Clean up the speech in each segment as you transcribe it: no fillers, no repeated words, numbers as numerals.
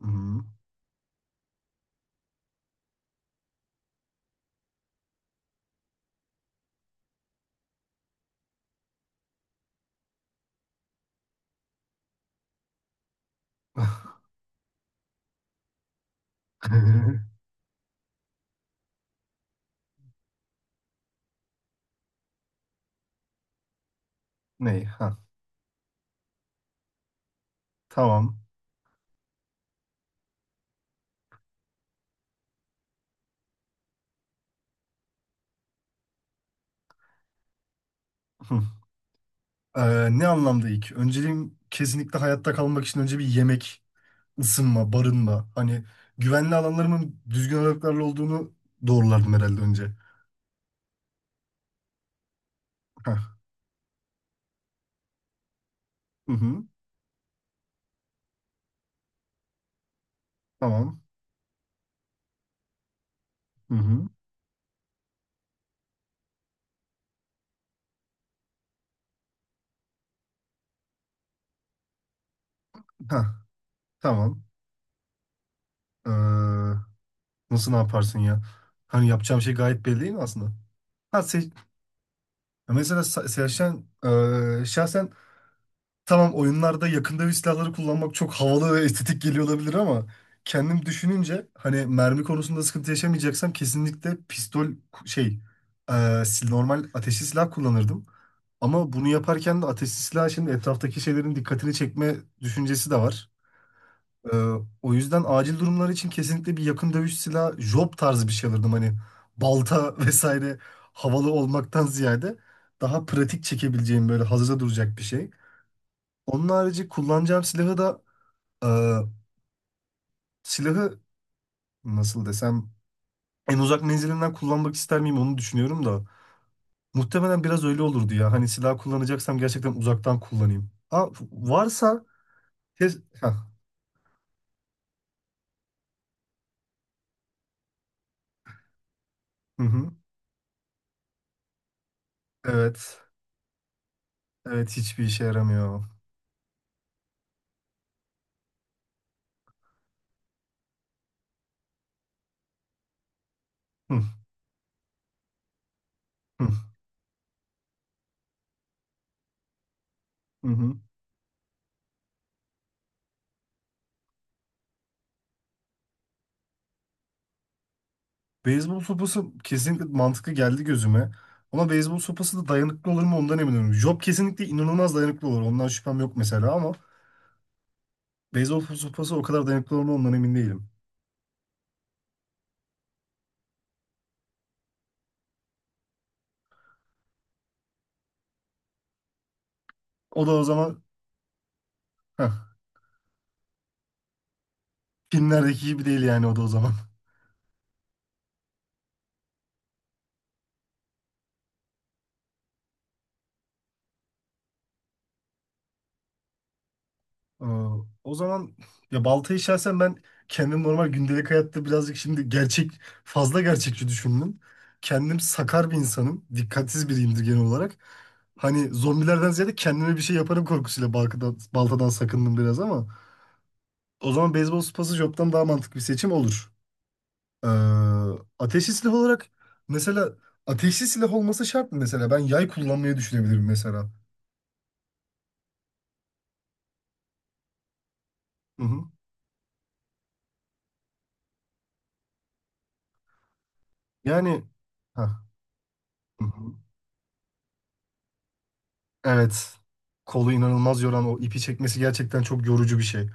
Hmm. Ney? Ha. Tamam. Hı. Ne anlamda ilk? Önceliğim kesinlikle hayatta kalmak için önce bir yemek, ısınma, barınma. Hani güvenli alanlarımın düzgün aralıklarla olduğunu doğrulardım herhalde önce. Ha. Hı hı. Tamam. Hı hı. Ha. Tamam. Ee, nasıl ne yaparsın ya? Hani yapacağım şey gayet belli değil mi aslında? Ha, mesela şahsen, tamam, oyunlarda yakındövüş silahları kullanmak çok havalı ve estetik geliyor olabilir ama kendim düşününce hani mermi konusunda sıkıntı yaşamayacaksam kesinlikle pistol şey, e, normal ateşli silah kullanırdım. Ama bunu yaparken de ateşli silah şimdi etraftaki şeylerin dikkatini çekme düşüncesi de var. E, o yüzden acil durumlar için kesinlikle bir yakın dövüş silahı job tarzı bir şey alırdım. Hani balta vesaire havalı olmaktan ziyade daha pratik çekebileceğim böyle hazırda duracak bir şey. Onun harici kullanacağım silahı da, e, silahı nasıl desem, en uzak menzilinden kullanmak ister miyim onu düşünüyorum da muhtemelen biraz öyle olurdu ya. Hani silah kullanacaksam gerçekten uzaktan kullanayım. Ha, varsa Hah, hı hı. Evet. Evet, hiçbir işe yaramıyor. Hı, hı, hı hı. Beyzbol sopası kesinlikle mantıklı geldi gözüme. Ama beyzbol sopası da dayanıklı olur mu ondan emin değilim. Job kesinlikle inanılmaz dayanıklı olur. Ondan şüphem yok mesela ama beyzbol sopası o kadar dayanıklı olur mu ondan emin değilim. O da o zaman, heh, filmlerdeki gibi değil yani o da o zaman. Ee, o zaman ya baltayı şahsen ben kendim normal gündelik hayatta birazcık şimdi fazla gerçekçi düşündüm. Kendim sakar bir insanım. Dikkatsiz biriyimdir genel olarak. Hani zombilerden ziyade kendime bir şey yaparım korkusuyla baltadan sakındım biraz ama o zaman beyzbol sopası joptan daha mantıklı bir seçim olur. Ee, ateşli silah olarak mesela ateşli silah olması şart mı mesela? Ben yay kullanmayı düşünebilirim mesela. Hı hı. Yani, hah, hı hı, evet, kolu inanılmaz yoran o ipi çekmesi gerçekten çok yorucu bir şey.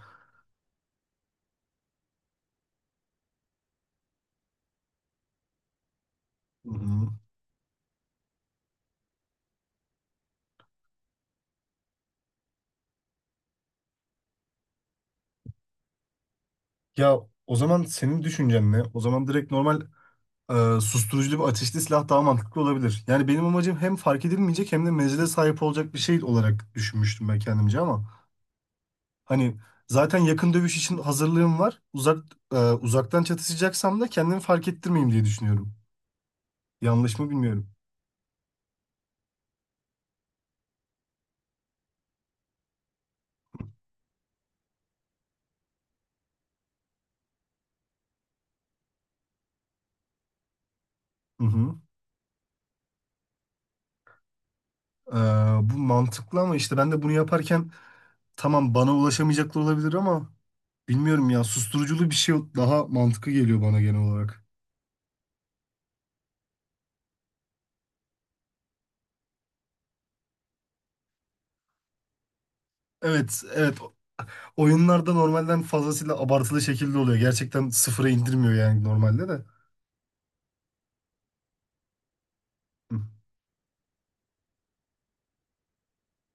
Hı hı. Ya o zaman senin düşüncen ne? O zaman direkt normal, e, susturuculu bir ateşli silah daha mantıklı olabilir. Yani benim amacım hem fark edilmeyecek hem de menzile sahip olacak bir şey olarak düşünmüştüm ben kendimce ama hani zaten yakın dövüş için hazırlığım var. Uzaktan çatışacaksam da kendimi fark ettirmeyeyim diye düşünüyorum. Yanlış mı bilmiyorum. Hı hı. E, bu mantıklı ama işte ben de bunu yaparken, tamam, bana ulaşamayacaklar olabilir ama bilmiyorum ya, susturuculu bir şey daha mantıklı geliyor bana genel olarak. Evet, evet. Oyunlarda normalden fazlasıyla abartılı şekilde oluyor. Gerçekten sıfıra indirmiyor yani normalde de. Hı.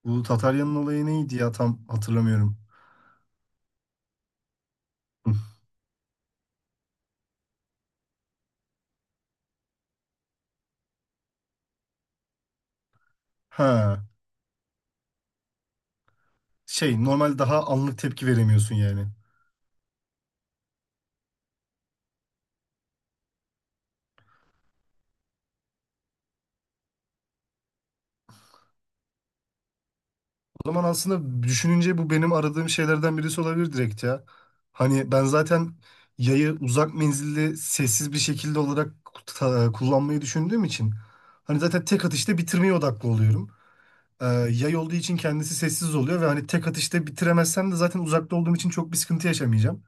Bu Tatarya'nın olayı neydi ya tam hatırlamıyorum. Hı. Ha, şey, normal daha anlık tepki veremiyorsun yani. O zaman aslında düşününce bu benim aradığım şeylerden birisi olabilir direkt ya. Hani ben zaten yayı uzak menzilli sessiz bir şekilde olarak kullanmayı düşündüğüm için hani zaten tek atışta bitirmeye odaklı oluyorum. Yay olduğu için kendisi sessiz oluyor ve hani tek atışta bitiremezsem de zaten uzakta olduğum için çok bir sıkıntı yaşamayacağım.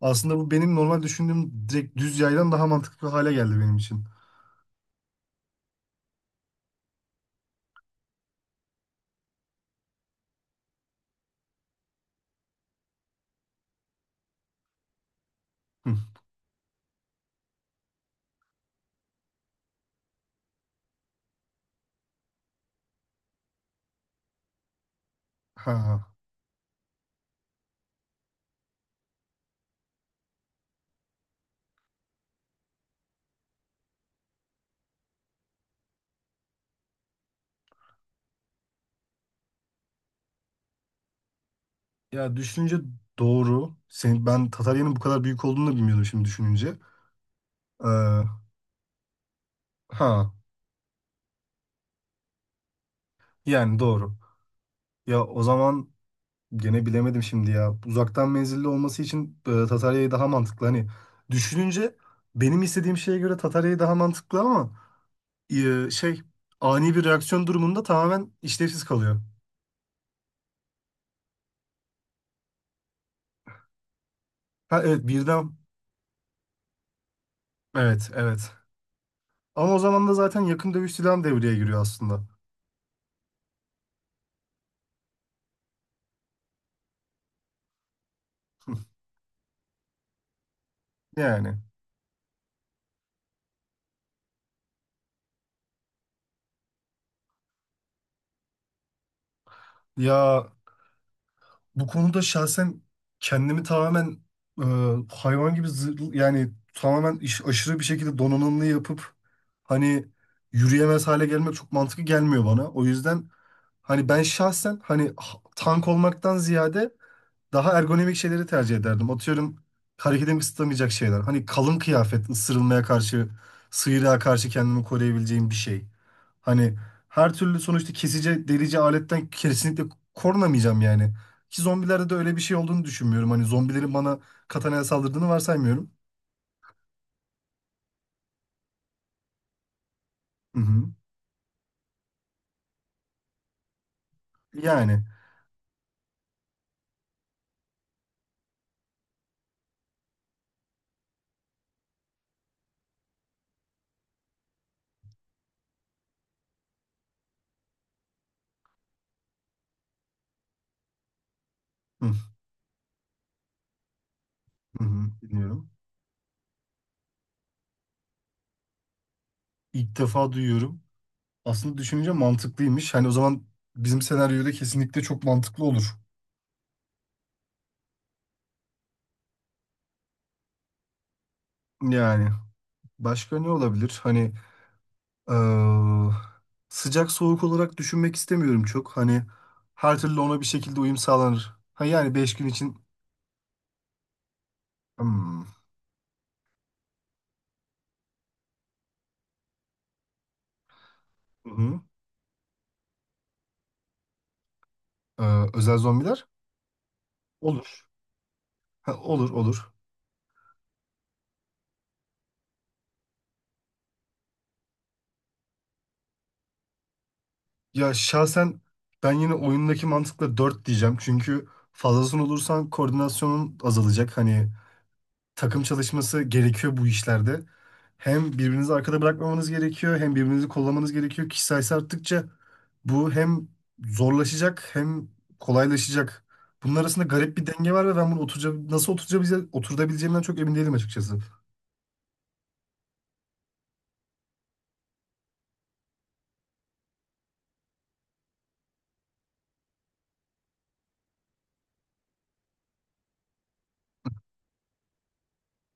Aslında bu benim normal düşündüğüm direkt düz yaydan daha mantıklı hale geldi benim için. Hı. Ha. Ya düşününce doğru. Ben Tatarya'nın bu kadar büyük olduğunu da bilmiyordum şimdi düşününce. Ee, ha, yani doğru. Ya o zaman gene bilemedim şimdi ya. Uzaktan menzilli olması için, Tatarya'yı daha mantıklı. Hani düşününce benim istediğim şeye göre Tatarya'yı daha mantıklı ama şey, ani bir reaksiyon durumunda tamamen işlevsiz kalıyor. Ha, evet, evet, evet. Ama o zaman da zaten yakın dövüş silahım devreye giriyor aslında. Yani. Ya bu konuda şahsen kendimi tamamen, e, hayvan gibi yani tamamen, aşırı bir şekilde donanımlı yapıp hani yürüyemez hale gelmek çok mantıklı gelmiyor bana. O yüzden hani ben şahsen hani tank olmaktan ziyade daha ergonomik şeyleri tercih ederdim. Atıyorum, hareketimi kısıtlamayacak şeyler. Hani kalın kıyafet ısırılmaya karşı, sıyrığa karşı kendimi koruyabileceğim bir şey. Hani her türlü sonuçta kesici, delici aletten kesinlikle korunamayacağım yani. Ki zombilerde de öyle bir şey olduğunu düşünmüyorum. Hani zombilerin bana katanaya saldırdığını varsaymıyorum. Hı hı. Yani. Hı hı, hı. Dinliyorum. İlk defa duyuyorum. Aslında düşününce mantıklıymış. Hani o zaman bizim senaryoda kesinlikle çok mantıklı olur. Yani. Başka ne olabilir? Hani, eee, sıcak soğuk olarak düşünmek istemiyorum çok. Hani her türlü ona bir şekilde uyum sağlanır. Ha, yani, 5 gün için. Hmm. Hı hı. Özel zombiler? Olur. Ha, olur, olur. Ya şahsen ben yine oyundaki mantıkla 4 diyeceğim. Çünkü fazlasını olursan koordinasyonun azalacak. Hani takım çalışması gerekiyor bu işlerde. Hem birbirinizi arkada bırakmamanız gerekiyor, hem birbirinizi kollamanız gerekiyor. Kişi sayısı arttıkça bu hem zorlaşacak hem kolaylaşacak. Bunun arasında garip bir denge var ve ben bunu nasıl oturabileceğim, oturabileceğimden çok emin değilim açıkçası.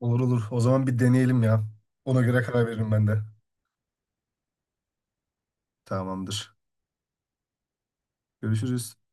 Olur, olur. O zaman bir deneyelim ya. Ona göre karar veririm ben de. Tamamdır. Görüşürüz.